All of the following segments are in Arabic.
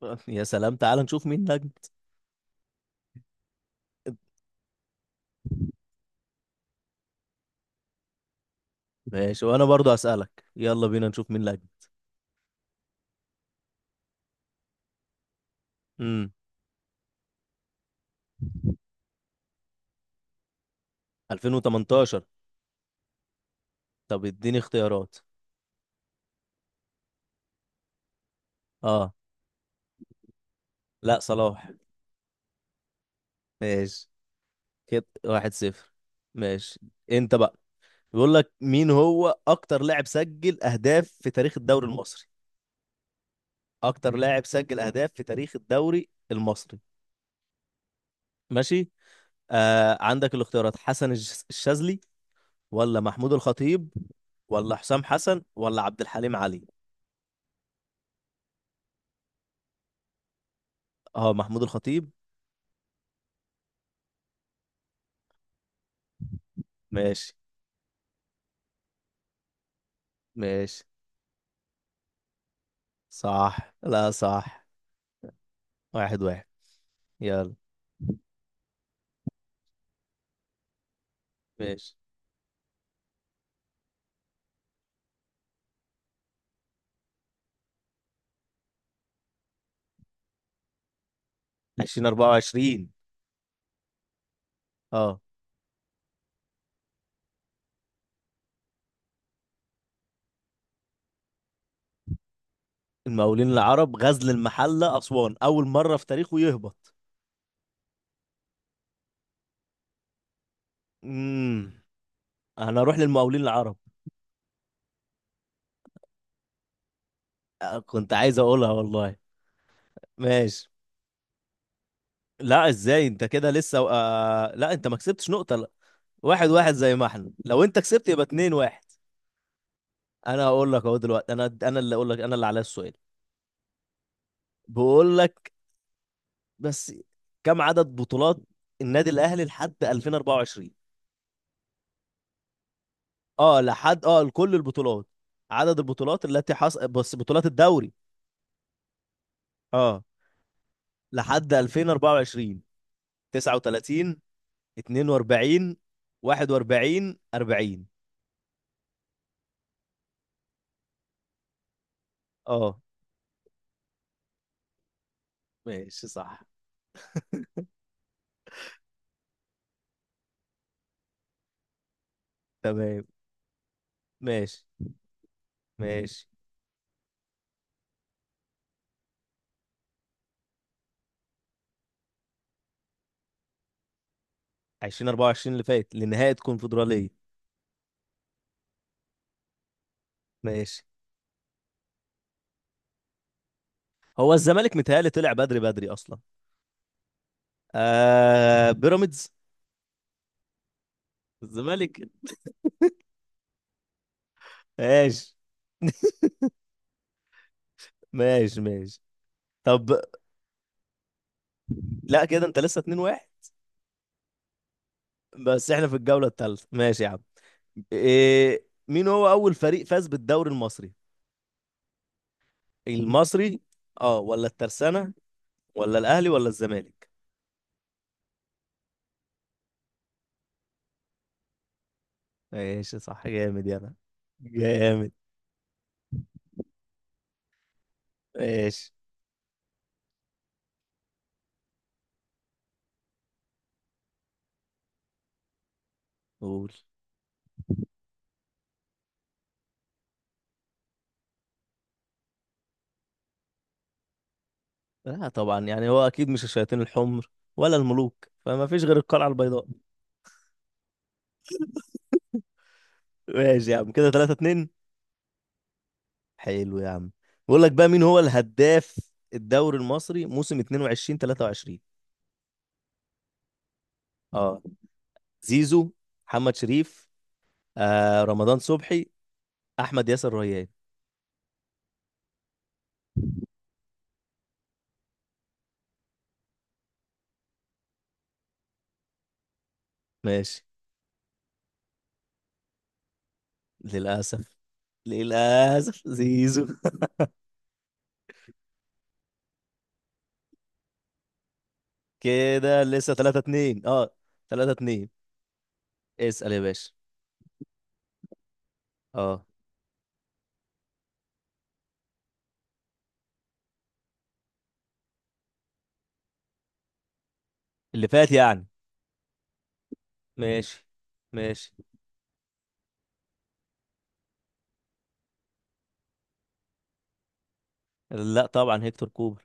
يا سلام، تعال نشوف مين لجنة. ماشي، وانا برضو هسألك. يلا بينا نشوف مين لجنة. امم 2018. طب اديني اختيارات. اه، لا صلاح. ماشي كده 1-0. ماشي. انت بقى. بيقول لك مين هو اكتر لاعب سجل اهداف في تاريخ الدوري المصري؟ اكتر لاعب سجل اهداف في تاريخ الدوري المصري. ماشي. عندك الاختيارات: حسن الشاذلي، ولا محمود الخطيب، ولا حسام حسن، ولا عبد الحليم علي؟ اه، محمود الخطيب. ماشي. ماشي صح لا صح. واحد واحد. يلا. ماشي. 2024. اه، المقاولين العرب، غزل المحلة، أسوان. أول مرة في تاريخه يهبط. امم أنا أروح للمقاولين العرب. آه، كنت عايز أقولها والله. ماشي. لا، إزاي؟ أنت كده لسه لا، أنت ما كسبتش نقطة لا. واحد واحد زي ما احنا، لو أنت كسبت يبقى 2-1. أنا هقول لك أهو دلوقتي. أنا اللي أقول لك، أنا اللي عليا السؤال. بقول لك. بس. كم عدد بطولات النادي الاهلي لحد 2024؟ اه لحد، اه لكل البطولات. عدد البطولات التي حصل بس بطولات الدوري. اه، لحد 2024. 39؟ 42؟ 41؟ 40؟ اه. ماشي صح. تمام. ماشي ماشي. 2024 اللي فات لنهاية كونفدرالية. ماشي. هو الزمالك متهيألي طلع بدري بدري أصلا. آه، بيراميدز. الزمالك. ماشي ماشي ماشي. طب لا، كده انت لسه 2 1. بس احنا في الجولة الثالثة، ماشي يا عم. إيه، مين هو أول فريق فاز بالدوري المصري؟ المصري، اه، ولا الترسانة، ولا الأهلي، ولا الزمالك؟ ماشي صح، جامد. يلا. جامد. ماشي. قول. لا طبعا، يعني هو أكيد مش الشياطين الحمر، ولا الملوك، فما فيش غير القلعة البيضاء. ماشي يا عم، كده 3 2. حلو يا عم. بقول لك بقى، مين هو الهداف الدوري المصري موسم 22 23؟ اه: زيزو، محمد شريف، رمضان صبحي، احمد ياسر ريان. ماشي. للاسف. للاسف زيزو. كده لسه 3 2. اه، 3 2. اسال يا باشا. اه، اللي فات يعني. ماشي. ماشي. لا طبعا، هيكتور كوبر.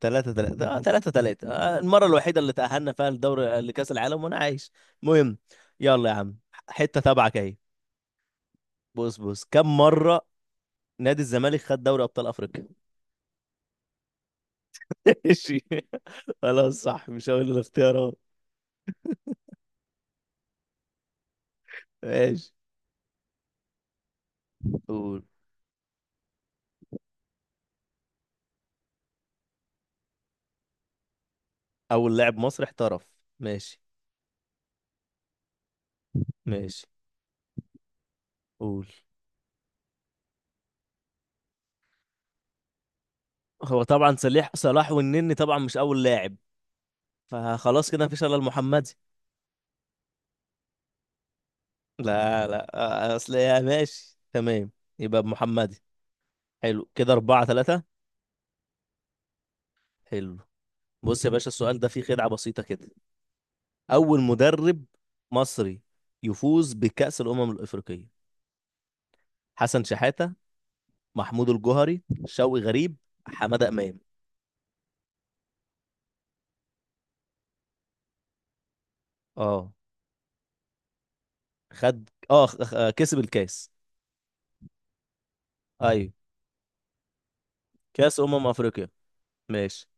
3 3. آه، 3 3. آه، المره الوحيده اللي تاهلنا فيها لدوري، لكاس العالم، وانا عايش. المهم. يلا يا عم، حته تبعك اهي. بص بص، كم مره نادي الزمالك خد دوري ابطال افريقيا؟ ماشي. خلاص صح، مش هقول الاختيارات. ماشي. قول. اول لاعب مصري احترف. ماشي. ماشي. قول. هو طبعا صلاح. صلاح والنني طبعا مش اول لاعب، فخلاص كده مفيش الا المحمدي. لا لا، اصل يا، ماشي تمام. يبقى المحمدي. حلو، كده 4-3. حلو. بص يا باشا، السؤال ده فيه خدعة بسيطة كده. أول مدرب مصري يفوز بكأس الأمم الأفريقية؟ حسن شحاتة، محمود الجوهري، شوقي غريب، حمادة إمام. اه، خد، كسب الكاس. ايوه، كاس افريقيا. ماشي.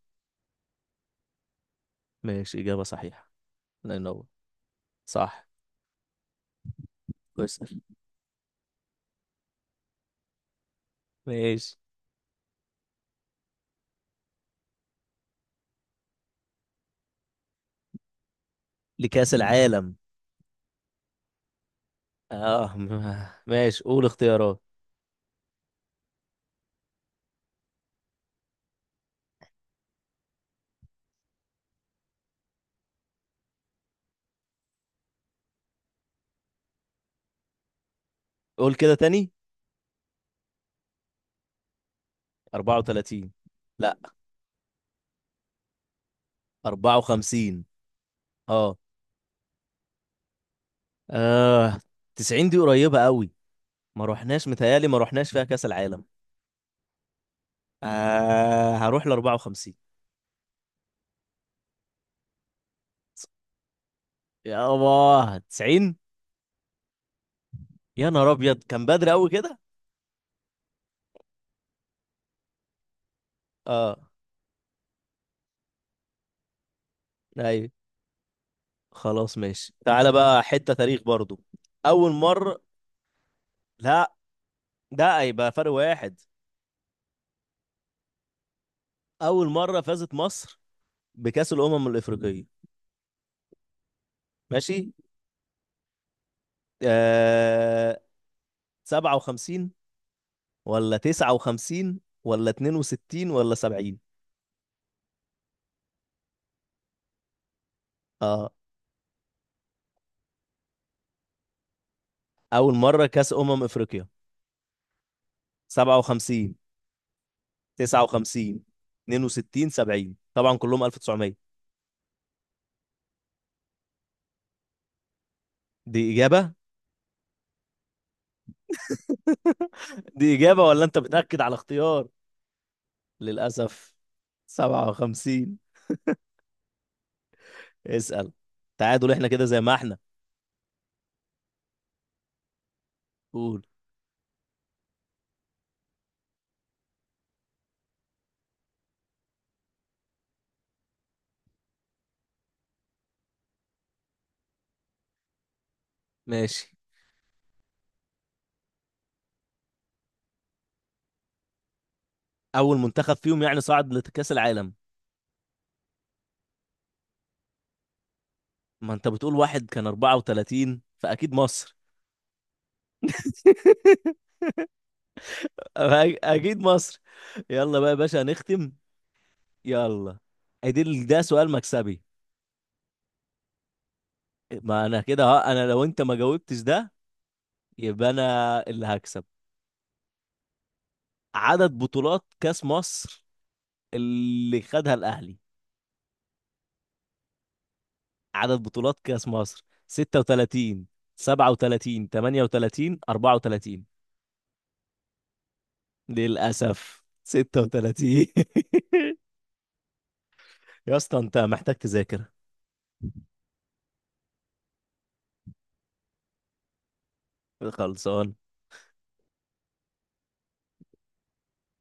ماشي، اجابه صحيحه. الله ينور. صح. كويس. ماشي. لكاس العالم. اه. ماشي، قول اختيارات. قول كده تاني. 34؟ لا 54. اه اه، 90 دي قريبه قوي. ما رحناش متهيالي، ما رحناش فيها كاس العالم. آه، هروح ل 54. يابا 90. يا نهار ابيض، كان بدري قوي كده. اه. ايوه. خلاص ماشي، تعالى بقى حتة تاريخ برضو. أول مرة. لا، ده هيبقى فرق واحد. أول مرة فازت مصر بكأس الأمم الإفريقية. ماشي. آه... 57، ولا 59، ولا 62، ولا 70؟ اه، أول مرة كأس أمم إفريقيا. 57، 59، 62، 70، طبعا كلهم 1900. دي إجابة. دي إجابة، ولا أنت بتأكد على اختيار؟ للأسف 57. اسأل. تعادل، احنا كده زي ما احنا. قول. ماشي. اول منتخب فيهم يعني صعد لكأس العالم. ما انت بتقول واحد كان 34، فاكيد مصر. أ- اكيد مصر. يلا بقى يا باشا هنختم. يلا. ادي ده سؤال مكسبي. ما انا كده ها، انا لو انت ما جاوبتش ده يبقى انا اللي هكسب. عدد بطولات كأس مصر اللي خدها الاهلي. عدد بطولات كأس مصر 36؟ 37؟ 38؟ 34؟ للأسف 36. يا اسطى، انت محتاج تذاكر. خلصان.